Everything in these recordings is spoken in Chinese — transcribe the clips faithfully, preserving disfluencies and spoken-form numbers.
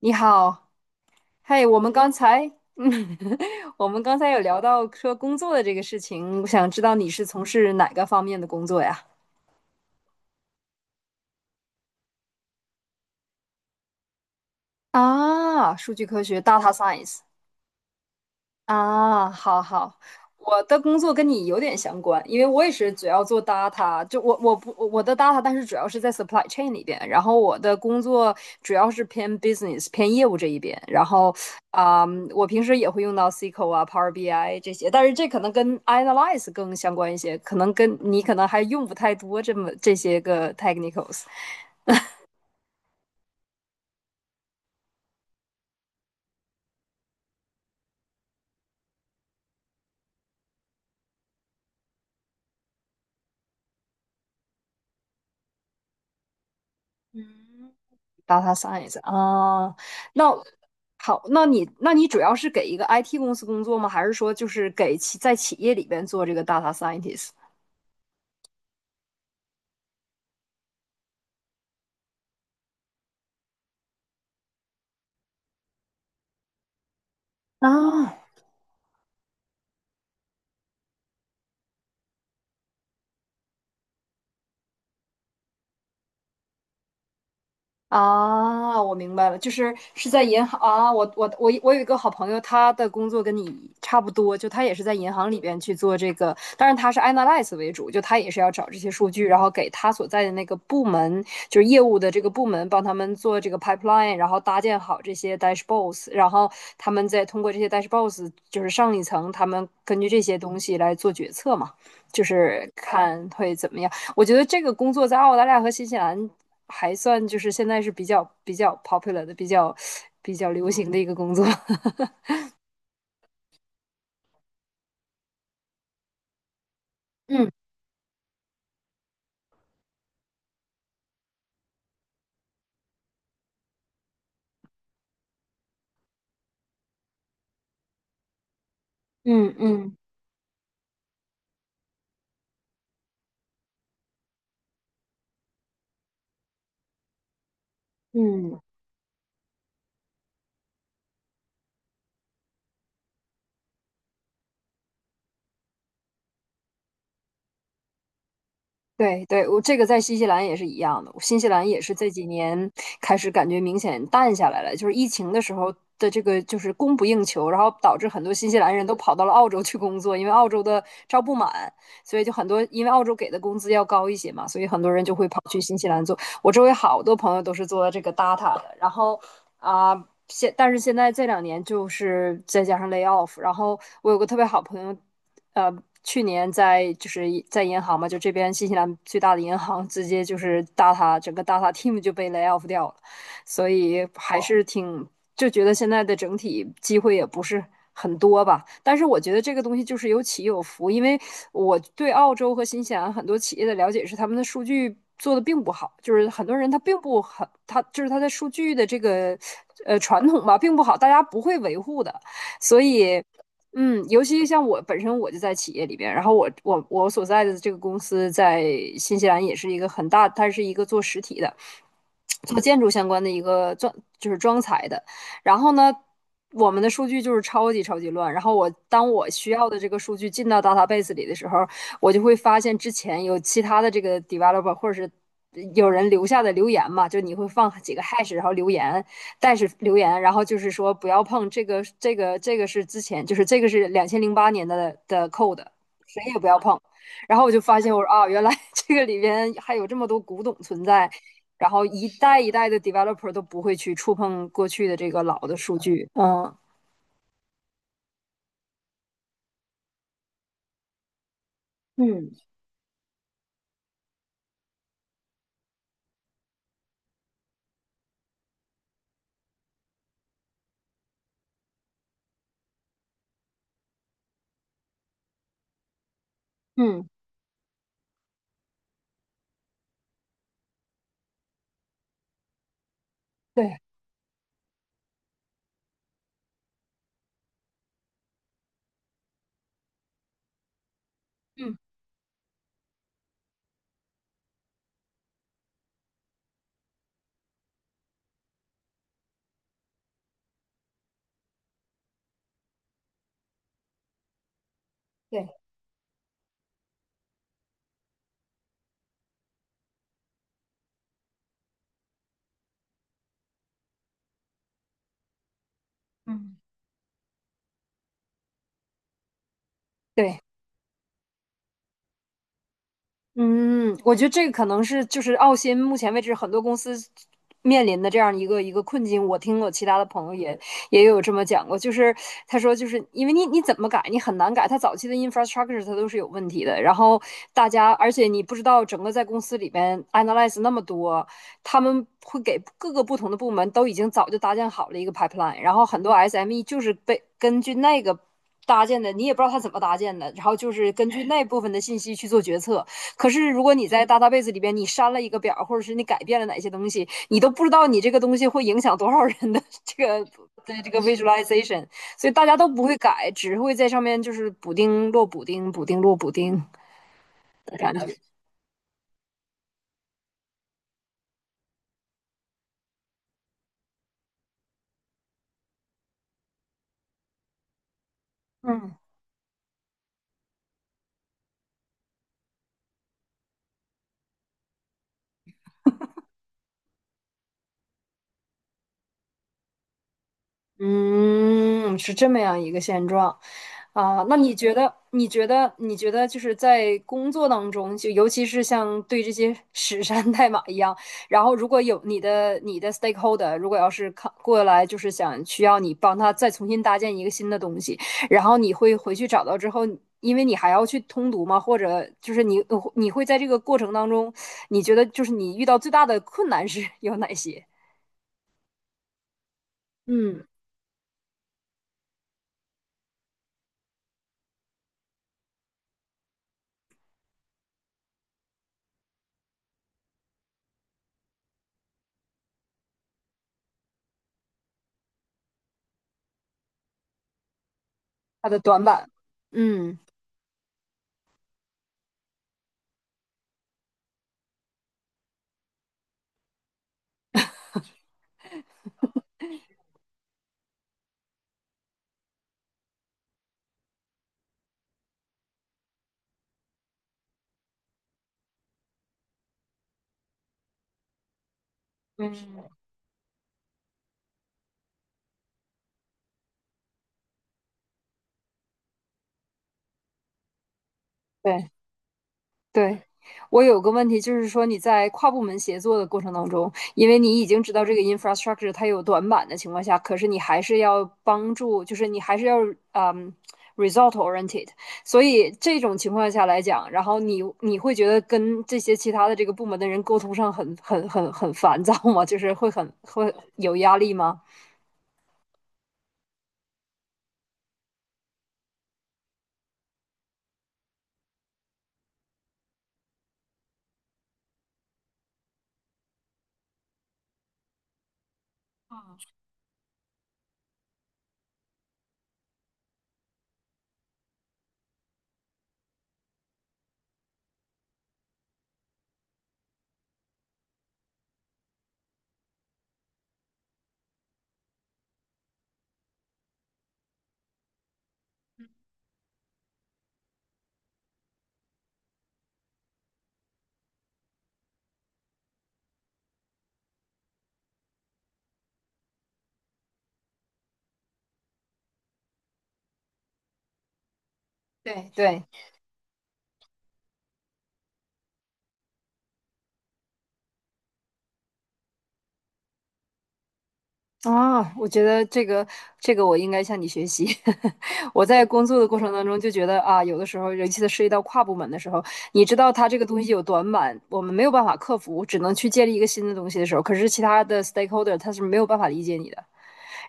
你好。嘿，我们刚才，嗯，我们刚才有聊到说工作的这个事情，我想知道你是从事哪个方面的工作呀？啊，数据科学 （data science）。啊，好好。我的工作跟你有点相关，因为我也是主要做 data，就我我不我的 data，但是主要是在 supply chain 里边，然后我的工作主要是偏 business 偏业务这一边，然后啊、我平时也会用到 S Q L 啊、Power B I 这些，但是这可能跟 analyze 更相关一些，可能跟你可能还用不太多这么这些个 technicals。data science 啊。嗯那好，那你那你主要是给一个 I T 公司工作吗？还是说就是给企在企业里边做这个 data scientist？啊。啊，我明白了，就是是在银行啊。我我我我有一个好朋友，他的工作跟你差不多，就他也是在银行里边去做这个，当然他是 analyze 为主，就他也是要找这些数据，然后给他所在的那个部门，就是业务的这个部门，帮他们做这个 pipeline，然后搭建好这些 dashboards，然后他们再通过这些 dashboards，就是上一层，他们根据这些东西来做决策嘛，就是看会怎么样。我觉得这个工作在澳大利亚和新西兰还算就是现在是比较比较 popular 的、比较比较流行的一个工作。嗯嗯嗯嗯，对对，我这个在新西兰也是一样的。新西兰也是这几年开始感觉明显淡下来了，就是疫情的时候的这个就是供不应求，然后导致很多新西兰人都跑到了澳洲去工作，因为澳洲的招不满，所以就很多因为澳洲给的工资要高一些嘛，所以很多人就会跑去新西兰做。我周围好多朋友都是做这个 data 的，然后啊。呃现但是现在这两年就是再加上 lay off，然后我有个特别好朋友，呃，去年在就是在银行嘛，就这边新西兰最大的银行，直接就是 data 整个 data team 就被 lay off 掉了。所以还哦是挺就觉得现在的整体机会也不是很多吧。但是我觉得这个东西就是有起有伏，因为我对澳洲和新西兰很多企业的了解是，他们的数据做的并不好，就是很多人他并不很，他就是他的数据的这个呃传统吧，并不好，大家不会维护的，所以。嗯，尤其像我本身我就在企业里边，然后我我我所在的这个公司在新西兰也是一个很大，它是一个做实体的，做建筑相关的一个装就是装材的。然后呢，我们的数据就是超级超级乱。然后我当我需要的这个数据进到 database 里的时候，我就会发现之前有其他的这个 developer 或者是有人留下的留言嘛，就你会放几个 hash 然后留言，但是留言，然后就是说不要碰这个，这个，这个是之前，就是这个是两千零八年的的 code，谁也不要碰。然后我就发现，我说啊，原来 这个里边还有这么多古董存在，然后一代一代的 developer 都不会去触碰过去的这个老的数据。嗯嗯嗯，对，嗯对，嗯对，嗯，我觉得这个可能是就是澳新目前为止很多公司面临的这样一个一个困境。我听我其他的朋友也也有这么讲过，就是他说就是因为你你怎么改你很难改，他早期的 infrastructure 它都是有问题的。然后大家而且你不知道整个在公司里边 analyze 那么多，他们会给各个不同的部门都已经早就搭建好了一个 pipeline，然后很多 S M E 就是被根据那个搭建的，你也不知道他怎么搭建的，然后就是根据那部分的信息去做决策，可是如果你在 database 里边你删了一个表，或者是你改变了哪些东西，你都不知道你这个东西会影响多少人的这个的这个 visualization，所以大家都不会改，只会在上面就是补丁落补丁，补丁落补丁的感觉。嗯嗯，是这么样一个现状。啊，那你觉得？你觉得？你觉得就是在工作当中，就尤其是像对这些 史山代码一样，然后如果有你的你的 stakeholder，如果要是看过来，就是想需要你帮他再重新搭建一个新的东西，然后你会回去找到之后，因为你还要去通读嘛，或者就是你你会在这个过程当中，你觉得就是你遇到最大的困难是 有哪些？嗯，它的短板？嗯嗯。对。对，我有个问题，就是说你在跨部门协作的过程当中，因为你已经知道这个 infrastructure 它有短板的情况下，可是你还是要帮助，就是你还是要嗯 result oriented，所以这种情况下来讲，然后你你会觉得跟这些其他的这个部门的人沟通上很很很很烦躁吗？就是会很会有压力吗？对对。啊，我觉得这个这个我应该向你学习。我在工作的过程当中就觉得啊，有的时候尤其是涉及到跨部门的时候，你知道它这个东西有短板，我们没有办法克服，只能去建立一个新的东西的时候，可是其他的 stakeholder 他是没有办法理解你的。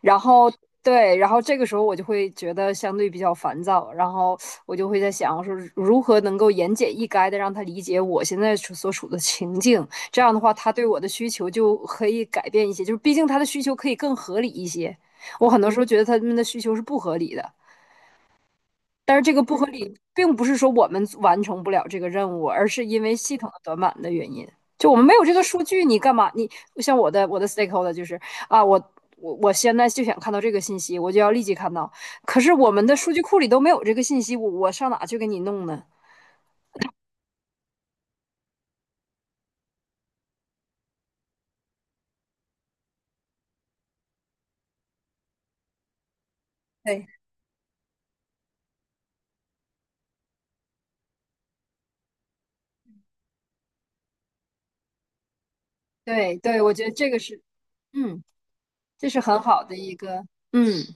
然后对，然后这个时候我就会觉得相对比较烦躁，然后我就会在想我说如何能够言简意赅的让他理解我现在处所处的情境，这样的话他对我的需求就可以改变一些，就是毕竟他的需求可以更合理一些。我很多时候觉得他们的需求是不合理的，但是这个不合理，并不是说我们完成不了这个任务，而是因为系统的短板的原因。就我们没有这个数据，你干嘛？你像我的我的 stakeholder 就是啊，我我我现在就想看到这个信息，我就要立即看到。可是我们的数据库里都没有这个信息，我我上哪去给你弄呢？对，对对，我觉得这个是，嗯，这是很好的一个，嗯，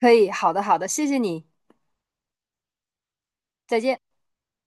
可以，好的好的，谢谢你，再见。